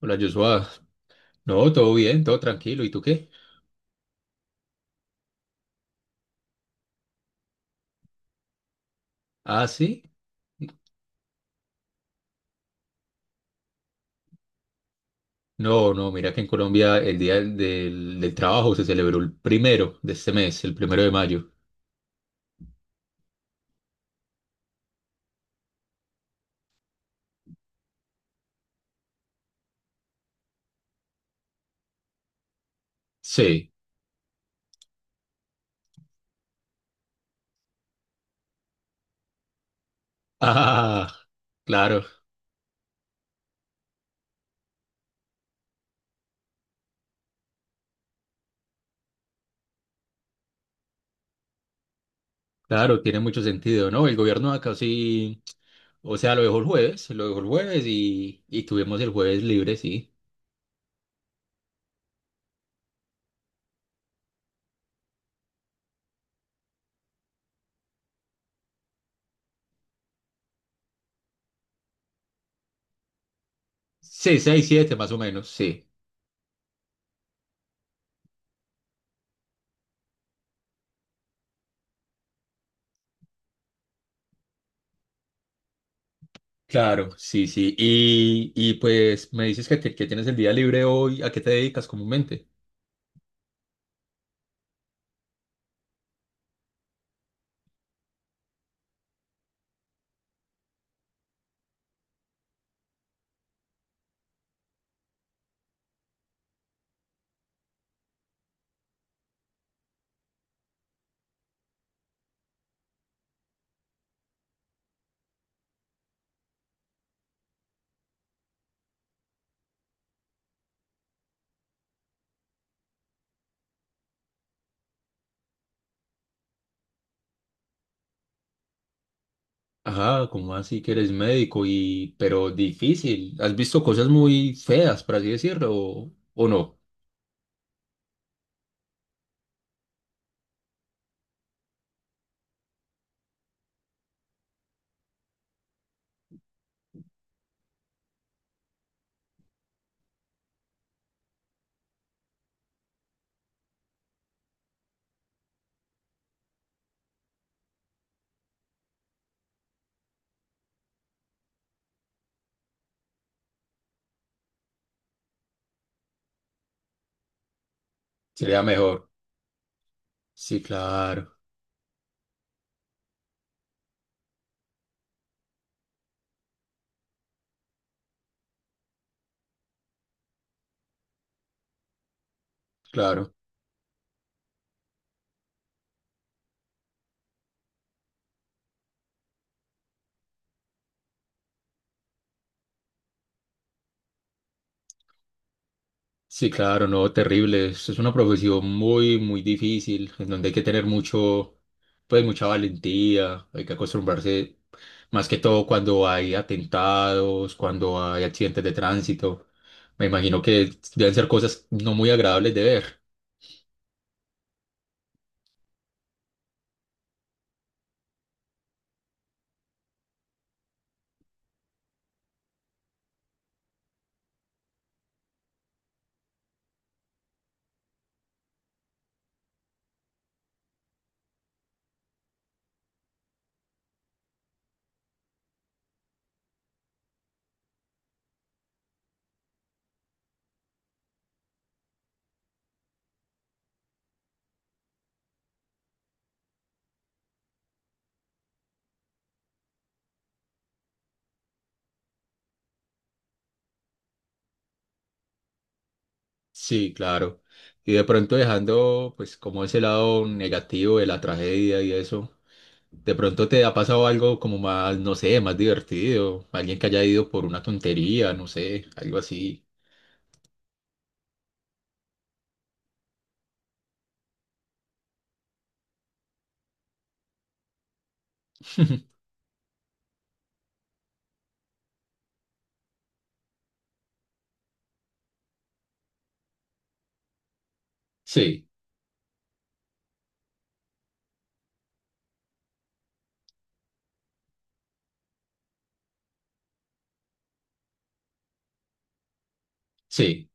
Hola Joshua, no, todo bien, todo tranquilo, ¿y tú qué? Ah, sí, no, no, mira que en Colombia el Día del Trabajo se celebró el primero de este mes, el primero de mayo. Sí, ah, claro, claro, tiene mucho sentido, ¿no? El gobierno acá sí, o sea, lo dejó el jueves y tuvimos el jueves libre, sí. Sí, seis, siete más o menos, sí. Claro, sí, sí, y pues me dices que, te- que tienes el día libre hoy, ¿a qué te dedicas comúnmente? Ah, ¿cómo así que eres médico y pero difícil? ¿Has visto cosas muy feas, por así decirlo, o no? Sería mejor. Sí, claro, claro. Sí, claro, no, terrible. Es una profesión muy, muy difícil, en donde hay que tener mucho, pues mucha valentía, hay que acostumbrarse, más que todo cuando hay atentados, cuando hay accidentes de tránsito. Me imagino que deben ser cosas no muy agradables de ver. Sí, claro. Y de pronto dejando, pues, como ese lado negativo de la tragedia y eso, de pronto te ha pasado algo como más, no sé, más divertido, alguien que haya ido por una tontería, no sé, algo así. Sí, sí,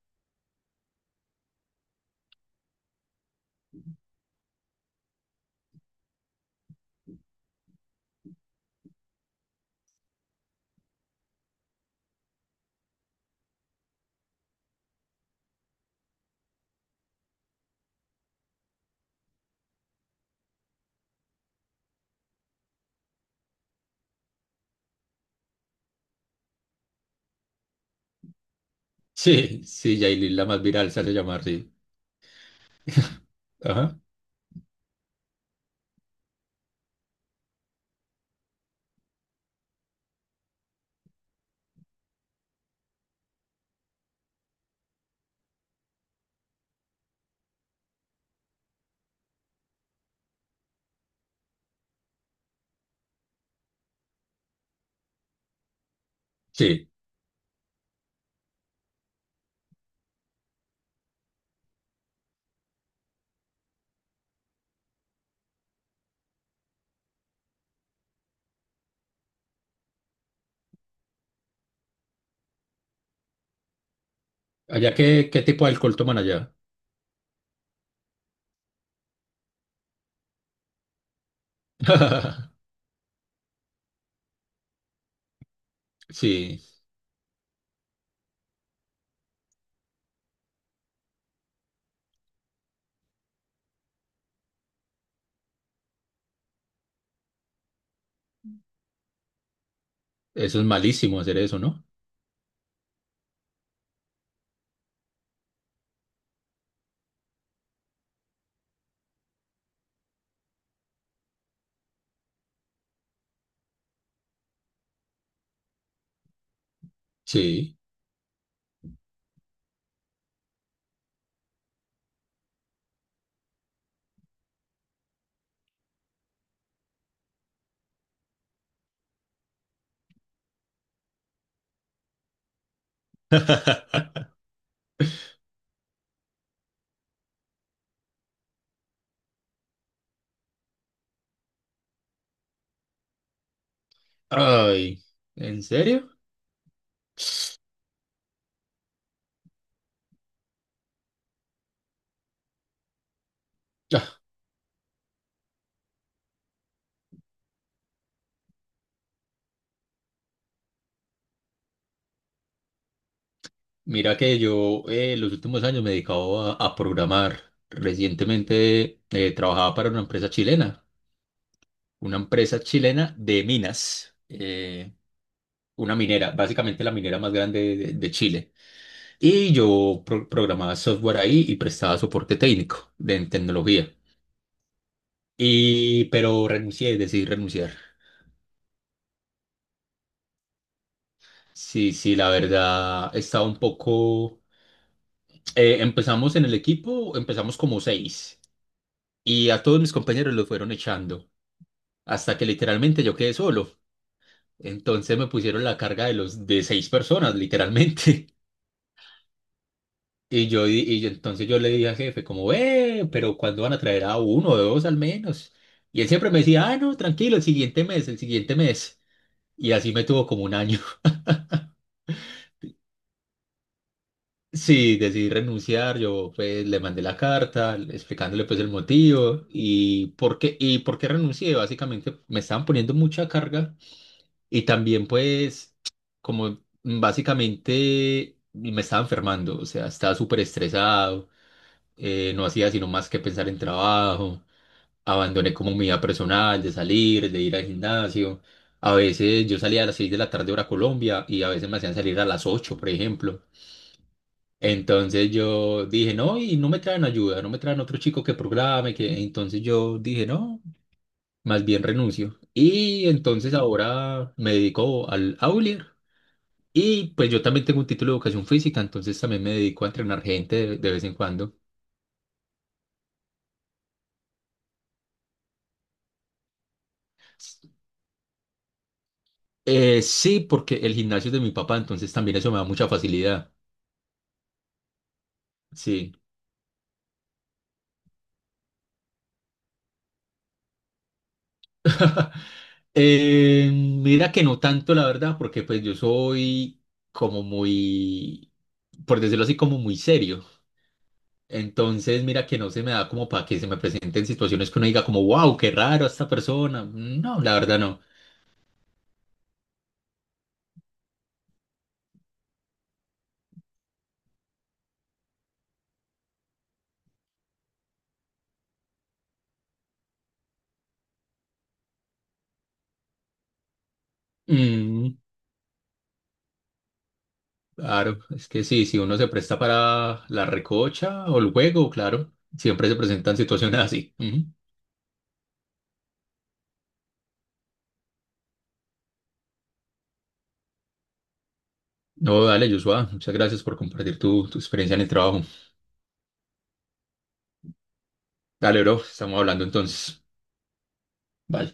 sí, sí, Yailin, la más viral se hace llamar, sí. Ajá, sí. Allá, ¿qué tipo de alcohol toman allá? Sí, eso es malísimo hacer eso, ¿no? Sí. Ay, ¿en serio? Mira que yo los últimos años me he dedicado a programar. Recientemente trabajaba para una empresa chilena de minas, una minera, básicamente la minera más grande de Chile. Y yo programaba software ahí y prestaba soporte técnico de, en tecnología. Y, pero renuncié, decidí renunciar. Sí, sí, la verdad estaba un poco... empezamos en el equipo, empezamos como seis. Y a todos mis compañeros los fueron echando, hasta que literalmente yo quedé solo. Entonces me pusieron la carga de los de seis personas, literalmente. Y yo di- y yo- Entonces yo le dije al jefe como, "Pero ¿cuándo van a traer a uno o dos al menos?" Y él siempre me decía, "Ah, no, tranquilo, el siguiente mes, el siguiente mes." Y así me tuvo como un año. Sí, decidí renunciar, yo pues le mandé la carta explicándole pues el motivo y por qué renuncié, básicamente me estaban poniendo mucha carga. Y también pues como básicamente me estaba enfermando, o sea, estaba súper estresado, no hacía sino más que pensar en trabajo, abandoné como mi vida personal de salir, de ir al gimnasio. A veces yo salía a las 6 de la tarde hora Colombia y a veces me hacían salir a las 8 por ejemplo. Entonces yo dije, no, y no me traen ayuda, no me traen otro chico que programe, que entonces yo dije, no, más bien renuncio. Y entonces ahora me dedico al Aulier y pues yo también tengo un título de educación física, entonces también me dedico a entrenar gente de vez en cuando. Sí, porque el gimnasio es de mi papá, entonces también eso me da mucha facilidad. Sí. Mira que no tanto, la verdad, porque pues yo soy como muy, por decirlo así, como muy serio. Entonces, mira que no se me da como para que se me presenten situaciones que uno diga como, wow, qué raro esta persona. No, la verdad no. Mm, claro, es que sí, si uno se presta para la recocha o el juego, claro, siempre se presentan situaciones así. Ujú. No, dale, Joshua, muchas gracias por compartir tu experiencia en el trabajo. Dale, bro, estamos hablando entonces. Bye.